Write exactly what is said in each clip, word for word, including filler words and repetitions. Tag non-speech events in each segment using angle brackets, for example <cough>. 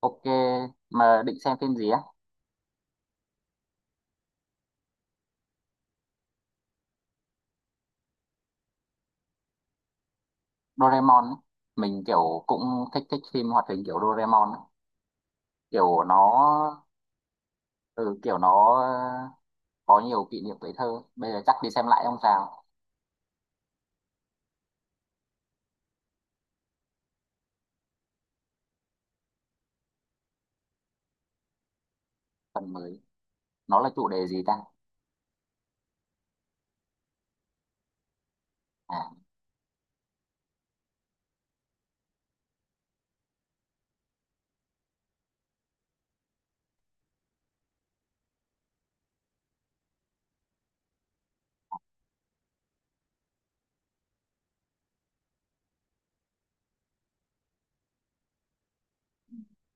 Ok, mà định xem phim gì á? Doraemon ấy. Mình kiểu cũng thích thích phim hoạt hình kiểu Doraemon ấy. Kiểu nó ừ, kiểu nó ờ, có nhiều kỷ niệm tuổi thơ. Bây giờ chắc đi xem lại ông sao? Phần mới. Nó là chủ đề gì ta? À,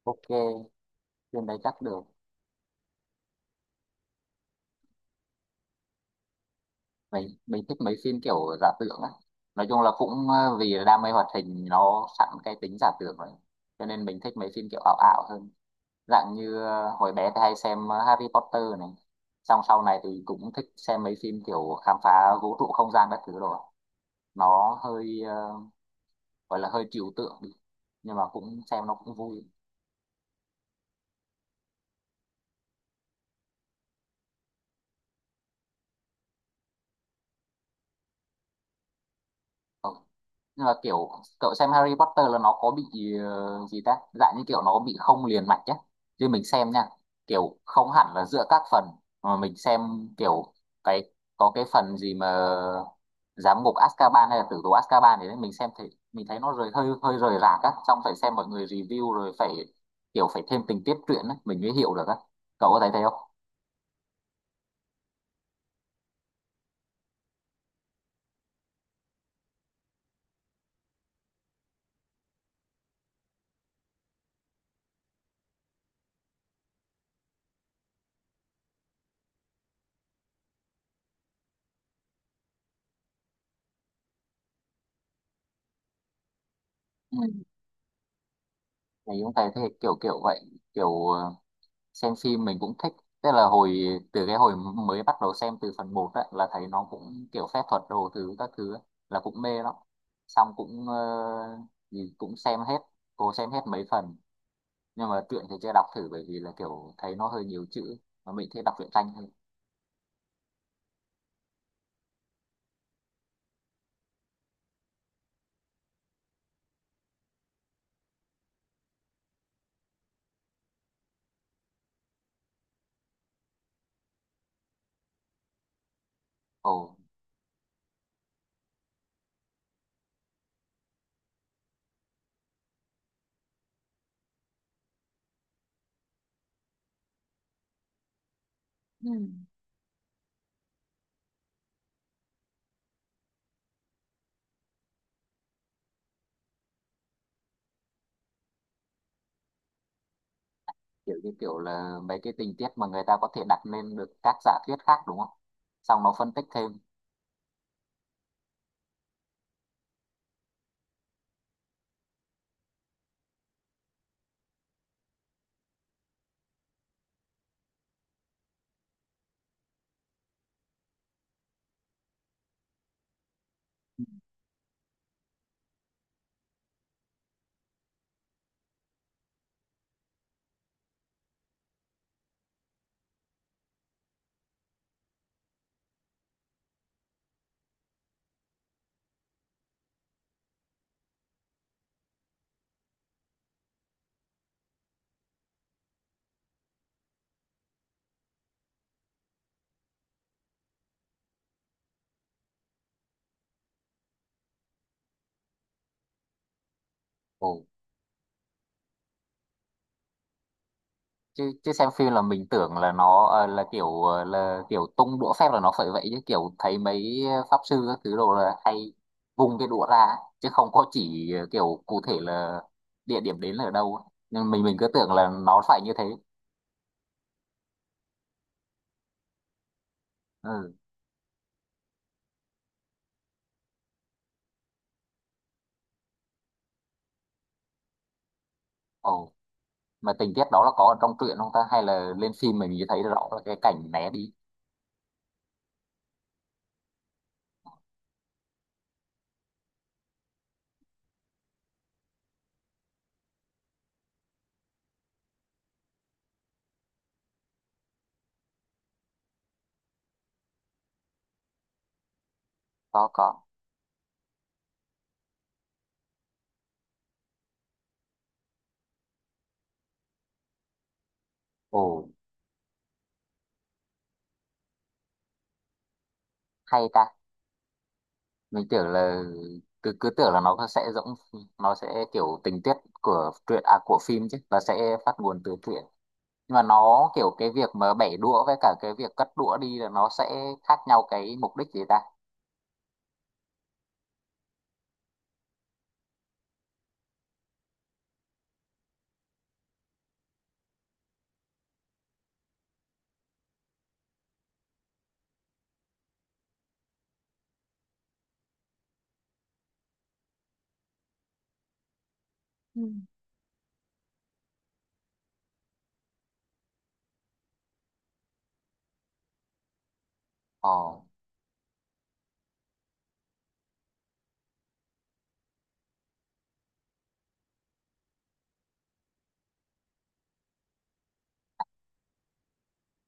ok, phim đấy chắc được. Mình mình thích mấy phim kiểu giả tưởng á. Nói chung là cũng ờ, vì đam mê hoạt hình nó sẵn cái tính giả tưởng rồi. Cho nên mình thích mấy phim kiểu ảo ảo hơn. Dạng như ờ, hồi bé thì hay xem ờ, Harry Potter này, xong sau này thì cũng thích xem mấy phim kiểu khám phá vũ trụ không gian các thứ rồi. Nó hơi ờ, gọi là hơi trừu tượng đi, nhưng mà cũng xem nó cũng vui. Ờ, nhưng mà kiểu cậu xem Harry Potter là nó có bị ờ, gì ta, dạng như kiểu nó bị không liền mạch nhé, chứ mình xem nha, kiểu không hẳn là giữa các phần mà mình xem kiểu cái có cái phần gì mà giám ngục Azkaban hay là tử tù Azkaban thì đấy mình xem thì mình thấy nó rời hơi hơi rời rạc á, xong phải xem mọi người review rồi phải kiểu phải thêm tình tiết truyện á mình mới hiểu được á, cậu có thấy thế không? Ừ, mình cũng thấy thế, kiểu kiểu vậy, kiểu ờ, xem phim mình cũng thích, tức là hồi từ cái hồi mới bắt đầu xem từ phần một là thấy nó cũng kiểu phép thuật đồ thứ các thứ ấy, là cũng mê lắm, xong cũng ờ, gì cũng xem hết, cố xem hết mấy phần, nhưng mà truyện thì chưa đọc thử bởi vì là kiểu thấy nó hơi nhiều chữ mà mình thích đọc truyện tranh hơn. Ồ. Ừ. Kiểu như kiểu là mấy cái tình tiết mà người ta có thể đặt lên được các giả thuyết khác đúng không, xong nó phân tích thêm. Ồ, chứ chứ xem phim là mình tưởng là nó ờ, là kiểu ờ, là kiểu tung đũa phép là nó phải vậy, chứ kiểu thấy mấy ờ, pháp sư các thứ đồ là hay vung cái đũa ra ấy, chứ không có chỉ ờ, kiểu cụ thể là địa điểm đến là ở đâu ấy. Nên mình mình cứ tưởng là nó phải như thế. Ừ. Ồ, mà tình tiết đó là có ở trong truyện không ta, hay là lên phim mình chỉ thấy rõ là cái cảnh né đi? Có có. Ồ, hay ta, mình tưởng là cứ cứ tưởng là nó sẽ giống, nó sẽ kiểu tình tiết của truyện à của phim chứ, là sẽ phát nguồn từ truyện, nhưng mà nó kiểu cái việc mà bẻ đũa với cả cái việc cất đũa đi là nó sẽ khác nhau cái mục đích gì ta? Ờ,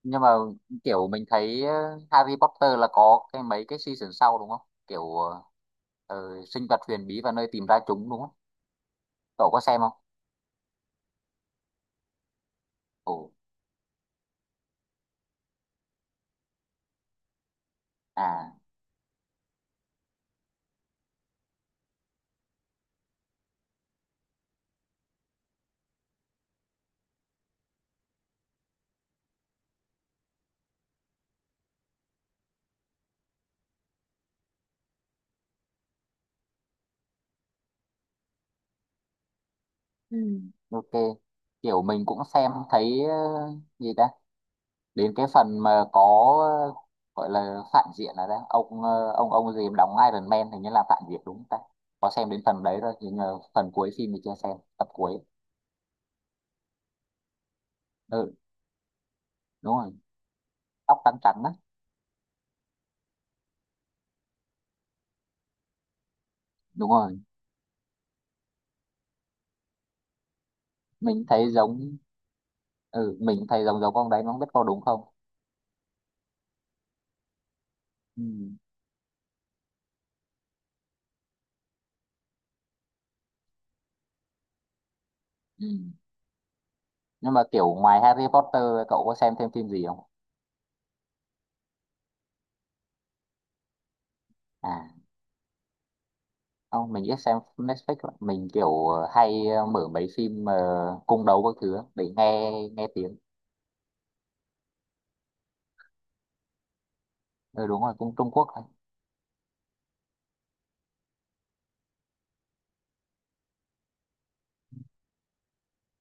nhưng mà kiểu mình thấy ờ, Harry Potter là có cái mấy cái season sau đúng không, kiểu ờ, ờ, sinh vật huyền bí và nơi tìm ra chúng đúng không, cậu có xem không? Ồ. À. Ok, kiểu mình cũng xem thấy ờ, gì ta, đến cái phần mà có ờ, gọi là phản diện là ra ông ờ, ông ông gì mà đóng Iron Man hình như là phản diện đúng không ta, có xem đến phần đấy rồi nhưng mà phần cuối phim thì chưa xem tập cuối. Ừ, đúng rồi, tóc trắng trắng đó. Đúng rồi, mình thấy giống, ừ mình thấy giống giống ông đấy, nó không biết có đúng không. Ừ. Ừ. Nhưng mà kiểu ngoài Harry Potter cậu có xem thêm phim gì không? À, không mình ít xem Netflix lắm. Mình kiểu ờ, hay ờ, mở mấy phim mà cung đấu các thứ á để nghe nghe tiếng. Ừ đúng rồi cung Trung Quốc.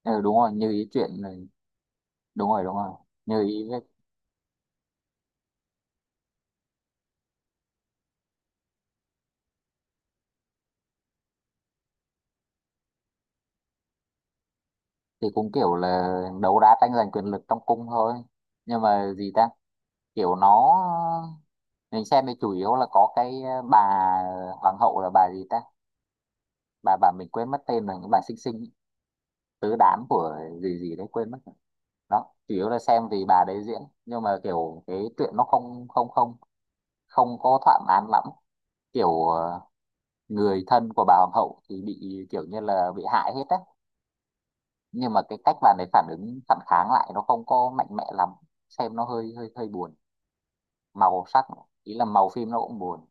Ừ, đúng rồi như ý chuyện này. Đúng rồi đúng rồi. Như ý ấy, thì cũng kiểu là đấu đá tranh giành quyền lực trong cung thôi, nhưng mà gì ta, kiểu nó mình xem thì chủ yếu là có cái ờ, bà hoàng hậu là bà gì ta, bà bà mình quên mất tên rồi, bà xinh xinh ấy, tứ đám của gì gì đấy quên mất rồi. Đó chủ yếu là xem vì bà đấy diễn, nhưng mà kiểu cái chuyện nó không không không không có thỏa mãn lắm, kiểu ờ, người thân của bà hoàng hậu thì bị kiểu như là bị hại hết á, nhưng mà cái cách bạn ấy phản ứng phản kháng lại nó không có mạnh mẽ lắm, xem nó hơi hơi hơi buồn màu sắc, ý là màu phim nó cũng buồn.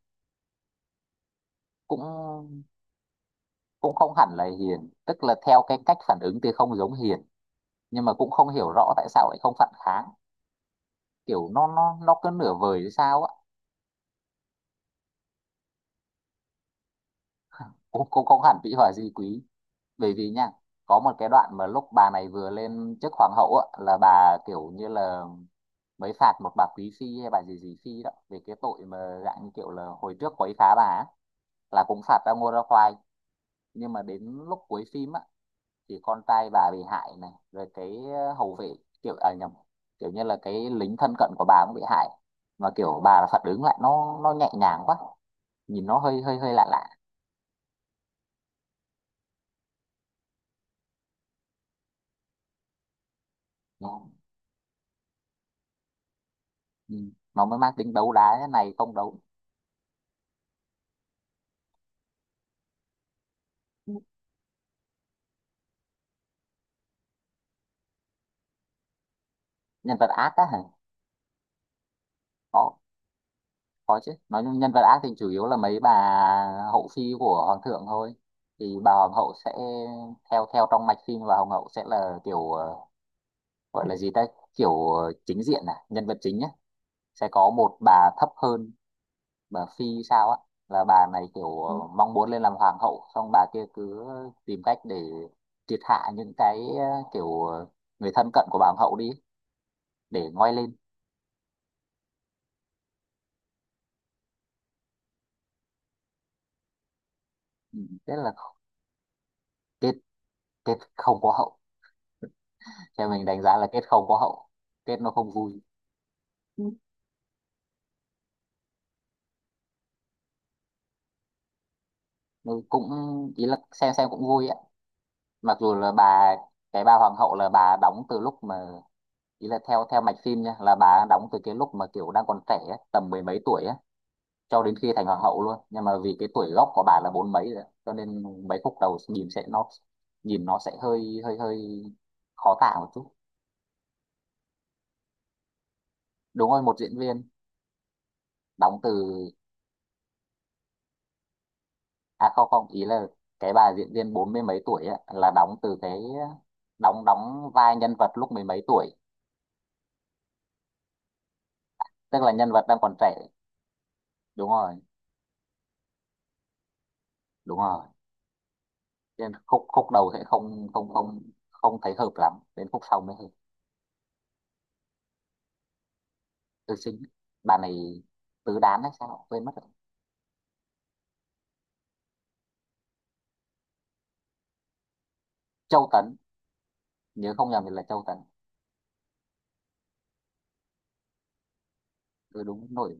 Cũng cũng không hẳn là hiền, tức là theo cái cách phản ứng thì không giống hiền, nhưng mà cũng không hiểu rõ tại sao lại không phản kháng, kiểu nó nó nó cứ nửa vời hay sao á. Cũng cũng không hẳn Vĩ Hòa Di Quý, bởi vì nha có một cái đoạn mà lúc bà này vừa lên chức hoàng hậu á là bà kiểu như là mới phạt một bà Quý Phi hay bà gì gì Phi đó về cái tội mà dạng như kiểu là hồi trước quấy phá bà á, là cũng phạt ra ngô ra khoai, nhưng mà đến lúc cuối phim á thì con trai bà bị hại này, rồi cái ờ, hầu vệ, kiểu à nhầm, kiểu như là cái lính thân cận của bà cũng bị hại, mà kiểu bà là phản ứng lại nó nó nhẹ nhàng quá, nhìn nó hơi hơi hơi lạ lạ. Nó, ừ, nó mới mang tính đấu đá thế này không đấu. Nhân vật ác á hả? có có chứ, nói chung nhân vật ác thì chủ yếu là mấy bà hậu phi của hoàng thượng thôi, thì bà hoàng hậu sẽ theo theo trong mạch phim và hoàng hậu sẽ là kiểu ờ, gọi là gì ta, kiểu ờ, chính diện à nhân vật chính nhé, sẽ có một bà thấp hơn, bà phi sao á, là bà này kiểu ờ, mong muốn lên làm hoàng hậu, xong bà kia cứ tìm cách để triệt hạ những cái ờ, kiểu ờ, người thân cận của bà hoàng hậu đi để ngoi lên. Ừ, thế là kết, kết không có hậu, theo mình đánh giá là kết không có hậu, kết nó không vui. Ừ. Nó cũng ý là xem xem cũng vui ạ, mặc dù là bà cái bà hoàng hậu là bà đóng từ lúc mà, ý là theo theo mạch phim nha, là bà đóng từ cái lúc mà kiểu đang còn trẻ ấy, tầm mười mấy tuổi ấy, cho đến khi thành hoàng hậu luôn, nhưng mà vì cái tuổi gốc của bà là bốn mấy rồi cho nên mấy khúc đầu nhìn sẽ nó nhìn nó sẽ hơi hơi hơi khó tả một chút. Đúng rồi một diễn viên đóng từ à không không, ý là cái bà diễn viên bốn mươi mấy tuổi á, là đóng từ cái đóng đóng vai nhân vật lúc mười mấy tuổi, tức là nhân vật đang còn trẻ. Đúng rồi. Đúng rồi. Nên khúc khúc đầu sẽ không không không không thấy hợp lắm, đến khúc sau mới hợp. Tư sinh, bà này tứ đán hay sao quên mất rồi. Châu Tấn, nhớ không nhầm thì là Châu Tấn. Tôi đúng nổi.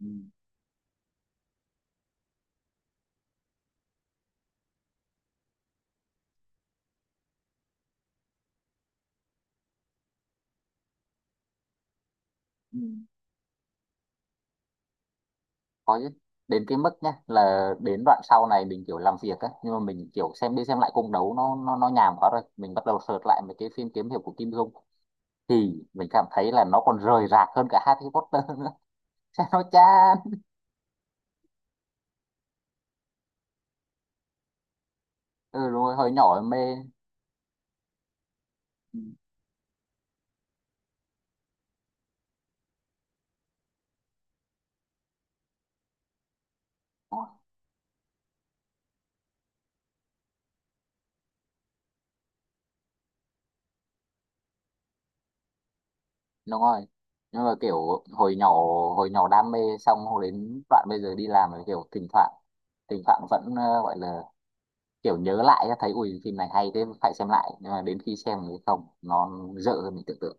Ừ. Ừ. Có chứ, đến cái mức nhá là đến đoạn sau này mình kiểu làm việc á, nhưng mà mình kiểu xem đi xem lại cung đấu nó nó nó nhàm quá rồi, mình bắt đầu search lại mấy cái phim kiếm hiệp của Kim Dung, thì mình cảm thấy là nó còn rời rạc hơn cả Harry Potter nữa <laughs> sao nó chán. Ừ đúng rồi hồi nhỏ mê. Ừ, đúng rồi, nhưng mà kiểu hồi nhỏ, hồi nhỏ đam mê, xong hồi đến đoạn bây giờ đi làm rồi kiểu thỉnh thoảng thỉnh thoảng vẫn ờ, gọi là kiểu nhớ lại á, thấy ui phim này hay thế phải xem lại, nhưng mà đến khi xem thì không, nó dở hơn mình tưởng tượng.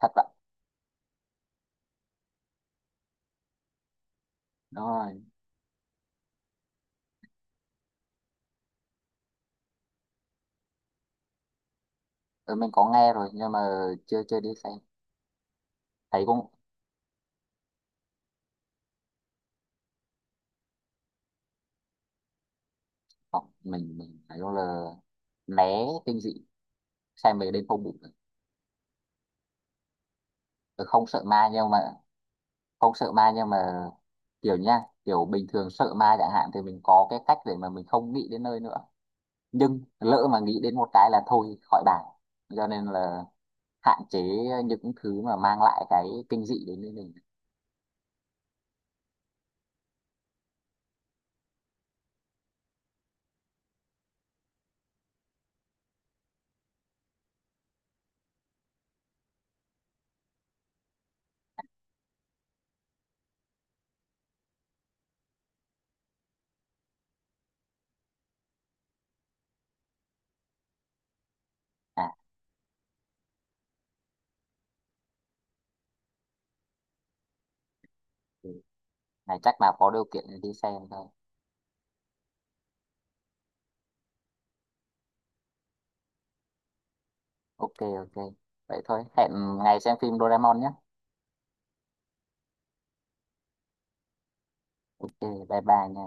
Thật vậy. Đúng rồi. Ừ, mình có nghe rồi nhưng mà chưa chưa đi xem, thấy cũng. Không, mình mình nói chung là né kinh dị, xem về đêm không ngủ được. Ừ, không sợ ma nhưng mà, không sợ ma nhưng mà kiểu nha, kiểu bình thường sợ ma chẳng hạn thì mình có cái cách để mà mình không nghĩ đến nơi nữa, nhưng lỡ mà nghĩ đến một cái là thôi khỏi bàn, cho nên là hạn chế những thứ mà mang lại cái kinh dị đến với mình. À, thì này chắc là có điều kiện để đi xem thôi. Ok. Ok, vậy thôi hẹn ngày xem phim Doraemon nhé. Ok, bye bye nha.